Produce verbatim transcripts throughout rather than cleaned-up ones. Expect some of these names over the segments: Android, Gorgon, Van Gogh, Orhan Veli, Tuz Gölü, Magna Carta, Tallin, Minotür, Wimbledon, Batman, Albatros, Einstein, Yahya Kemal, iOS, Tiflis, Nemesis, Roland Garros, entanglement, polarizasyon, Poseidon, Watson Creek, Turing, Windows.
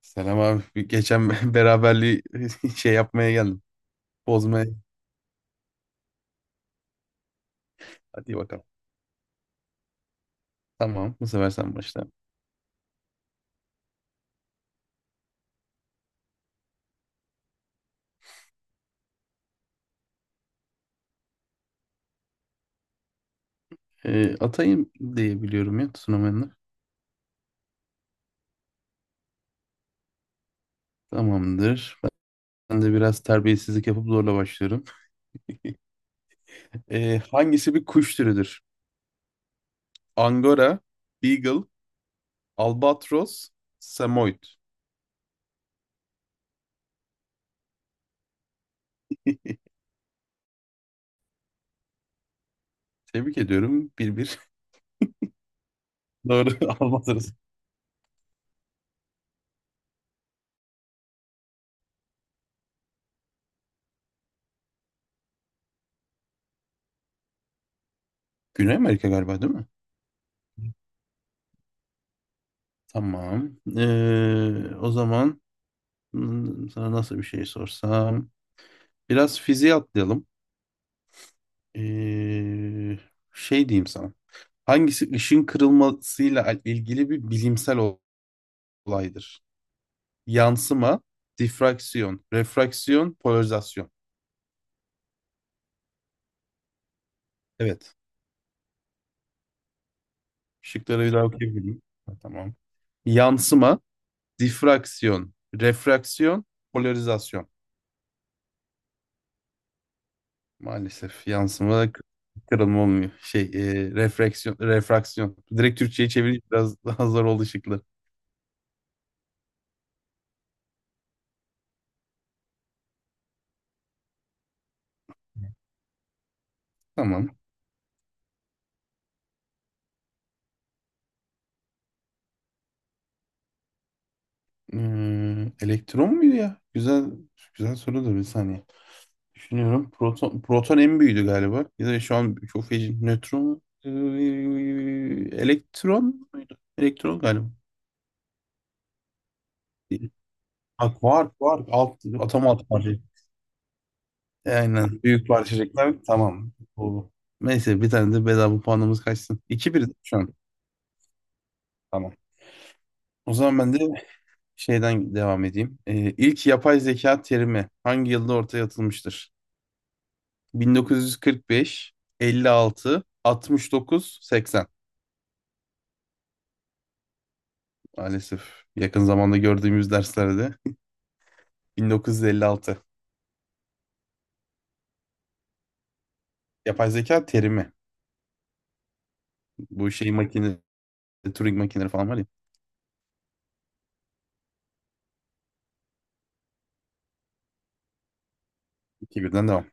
Selam abi. Bir Geçen beraberliği şey yapmaya geldim. Bozmaya. Hadi bakalım. Tamam. Bu sefer sen başla. Ee, atayım diye biliyorum ya sunamayanlar. Tamamdır. Ben de biraz terbiyesizlik yapıp zorla başlıyorum. Ee, hangisi bir kuş türüdür? Angora, Beagle, Albatros, Samoyed. Tebrik ediyorum. Bir bir. Doğru. Albatros. Güney Amerika galiba değil mi? Tamam. Ee, o zaman hmm, sana nasıl bir şey sorsam? Biraz fiziğe atlayalım. Ee, şey diyeyim sana. Hangisi ışın kırılmasıyla al- ilgili bir bilimsel ol- olaydır? Yansıma, difraksiyon, refraksiyon, polarizasyon. Evet. Şıkları bir daha okuyabilirim. Ha, tamam. Yansıma, difraksiyon, refraksiyon, polarizasyon. Maalesef yansıma k- kırılma olmuyor. Şey, e, refraksiyon, refraksiyon. Direkt Türkçe'ye çevirince biraz daha zor oldu şıklar. Tamam. Hmm, elektron muydu ya? Güzel güzel soru da bir saniye. Düşünüyorum. Proton, proton en büyüğüydü galiba. Ya da şu an çok feci. Nötron mu? Ee, elektron muydu? Elektron galiba. Değil. Ha, kuark, kuark. Alt, atom alt parçacık. E, Aynen. Büyük parçacıklar. Tamam. Oldu. Neyse bir tane de bedava puanımız kaçsın. iki bir şu an. Tamam. O zaman ben de şeyden devam edeyim. Ee, ilk yapay zeka terimi hangi yılda ortaya atılmıştır? bin dokuz yüz kırk beş, elli altı, altmış dokuz, seksen. Maalesef yakın zamanda gördüğümüz derslerde bin dokuz yüz elli altı. Yapay zeka terimi. Bu şey makine, Turing makineleri falan var ya. İki birden devam.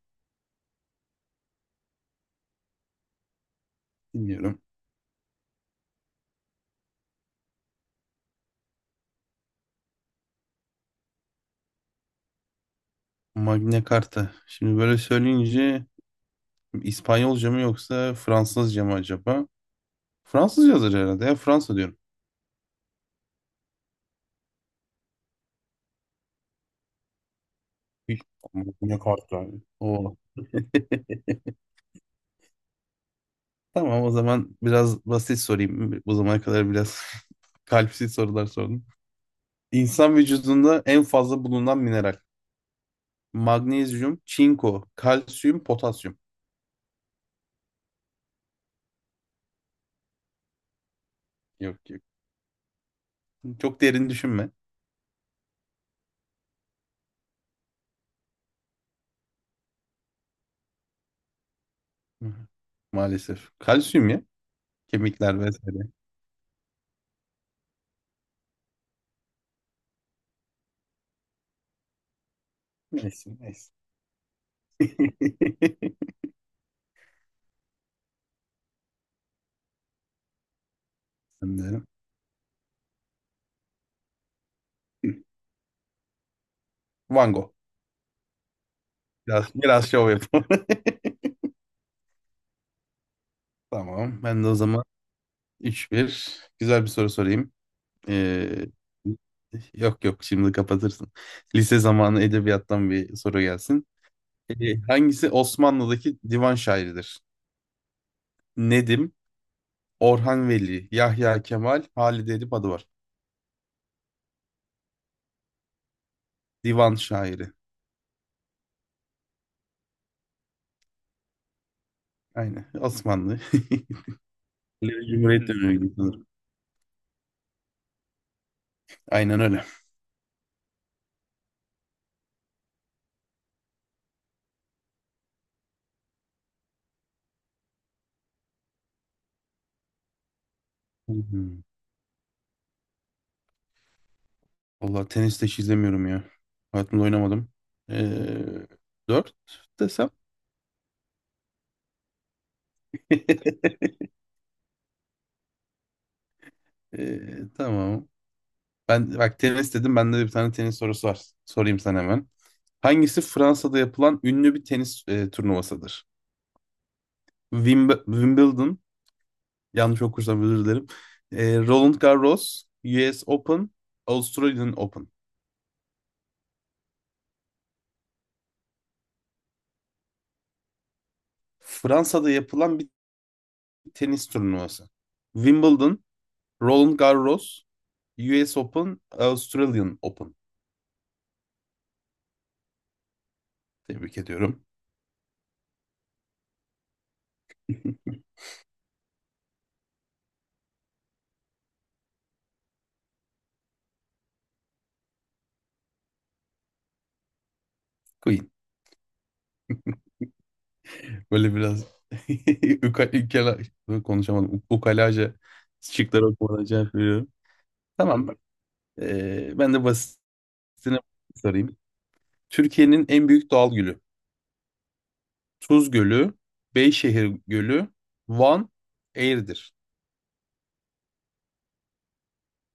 Bilmiyorum. Magna Carta. Şimdi böyle söyleyince İspanyolca mı yoksa Fransızca mı acaba? Fransızca yazar herhalde ya. Fransa diyorum. Hiç- Magna Carta. Oo. Tamam o zaman biraz basit sorayım. Bu zamana kadar biraz kalpsiz sorular sordum. İnsan vücudunda en fazla bulunan mineral. Magnezyum, çinko, kalsiyum, potasyum. Yok yok. Çok derin düşünme. Hı hı. Maalesef. Kalsiyum ya. Kemikler vesaire. Neyse neyse. Ben de- Van Gogh. Biraz, biraz şov yapalım. Tamam. Ben de o zaman üç bir. Güzel bir soru sorayım. Ee, yok yok şimdi kapatırsın. Lise zamanı edebiyattan bir soru gelsin. Ee, hangisi Osmanlı'daki divan şairidir? Nedim, Orhan Veli, Yahya Kemal, Halide Edip adı var. Divan şairi. Aynen. Osmanlı. Cumhuriyet dönemi gibi sanırım. Aynen öyle. Hmm. Valla tenis de hiç izlemiyorum ya. Hayatımda oynamadım. Ee, dört desem. Ee, tamam. Ben bak tenis dedim. Bende de bir tane tenis sorusu var. Sorayım sana hemen. Hangisi Fransa'da yapılan ünlü bir tenis e, turnuvasıdır? Wimb- Wimbledon, yanlış okursam özür dilerim. Ee, Roland Garros, U S Open, Australian Open. Fransa'da yapılan bir tenis turnuvası. Wimbledon, Roland Garros, U S Open, Australian Open. Tebrik ediyorum. Queen. Böyle biraz uka, ukala, konuşamadım. Ukalaca şıkları okumadan cevap veriyorum. Tamam. Ee, ben de basitine sorayım. Türkiye'nin en büyük doğal gülü. Tuz Gölü, Beyşehir Gölü, Van, Eğirdir.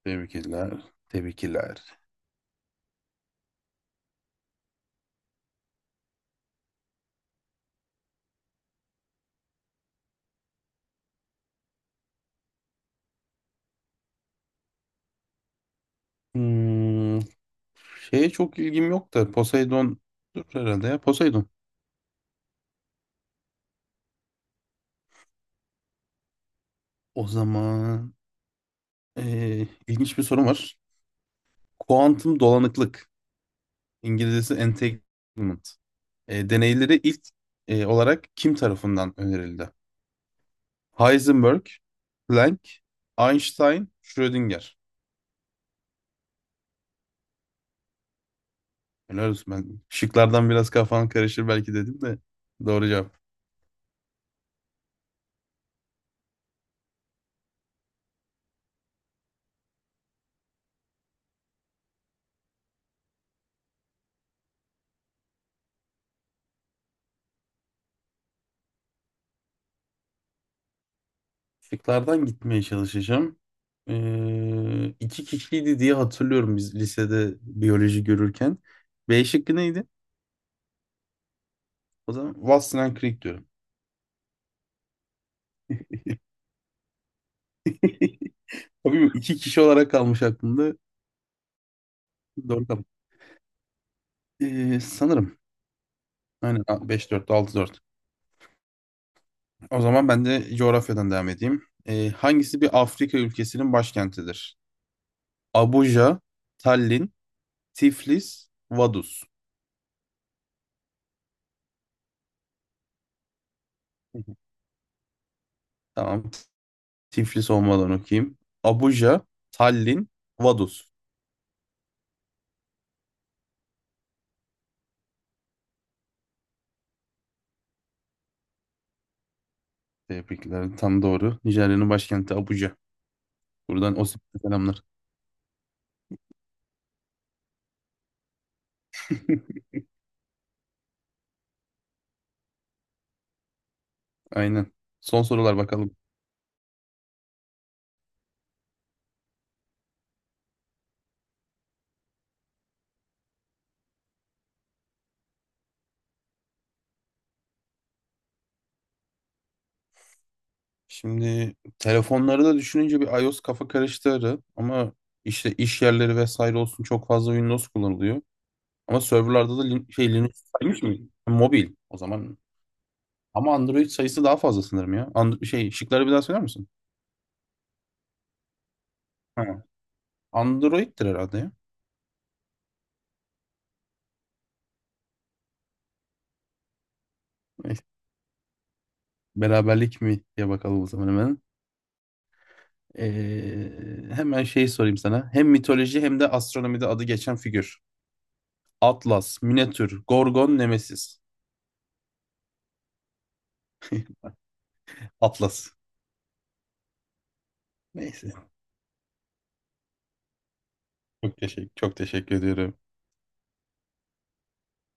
Tebrikler, tebrikler. Hmm, şeye çok ilgim yok da Poseidon dur herhalde ya Poseidon. O zaman eee, ilginç bir sorum var. Kuantum dolanıklık, İngilizcesi entanglement. Eee, deneyleri ilk eee, olarak kim tarafından önerildi? Heisenberg, Planck, Einstein, Schrödinger. Helal olsun, ben şıklardan biraz kafan karışır belki dedim de doğru cevap. Şıklardan gitmeye çalışacağım. Ee, iki kişiydi diye hatırlıyorum biz lisede biyoloji görürken. B şıkkı neydi? O zaman Watson Creek diyorum. Tabii bu iki kişi olarak kalmış aklımda. Doğru kalmış. Ee, sanırım. Aynen beş dört altı dört. O zaman ben de coğrafyadan devam edeyim. Ee, hangisi bir Afrika ülkesinin başkentidir? Abuja, Tallin, Tiflis, Vaduz. Tamam. Tiflis olmadan okuyayım. Abuja, Tallin, Vaduz. Tebrikler. Tam doğru. Nijerya'nın başkenti Abuja. Buradan Osip'e selamlar. Aynen. Son sorular bakalım. Şimdi telefonları da düşününce bir iOS kafa karıştırır ama işte iş yerleri vesaire olsun çok fazla Windows kullanılıyor. Ama serverlarda da lin- şey Linux saymış mı? Mobil o zaman. Ama Android sayısı daha fazla sanırım ya. And şey şıkları bir daha söyler misin? Ha. Android'tir herhalde ya. Eh, Beraberlik mi diye bakalım o zaman hemen. Ee, hemen şey sorayım sana. Hem mitoloji hem de astronomide adı geçen figür. Atlas, Minotür, Gorgon, Nemesis. Atlas. Neyse. Çok teşekkür, çok teşekkür ediyorum.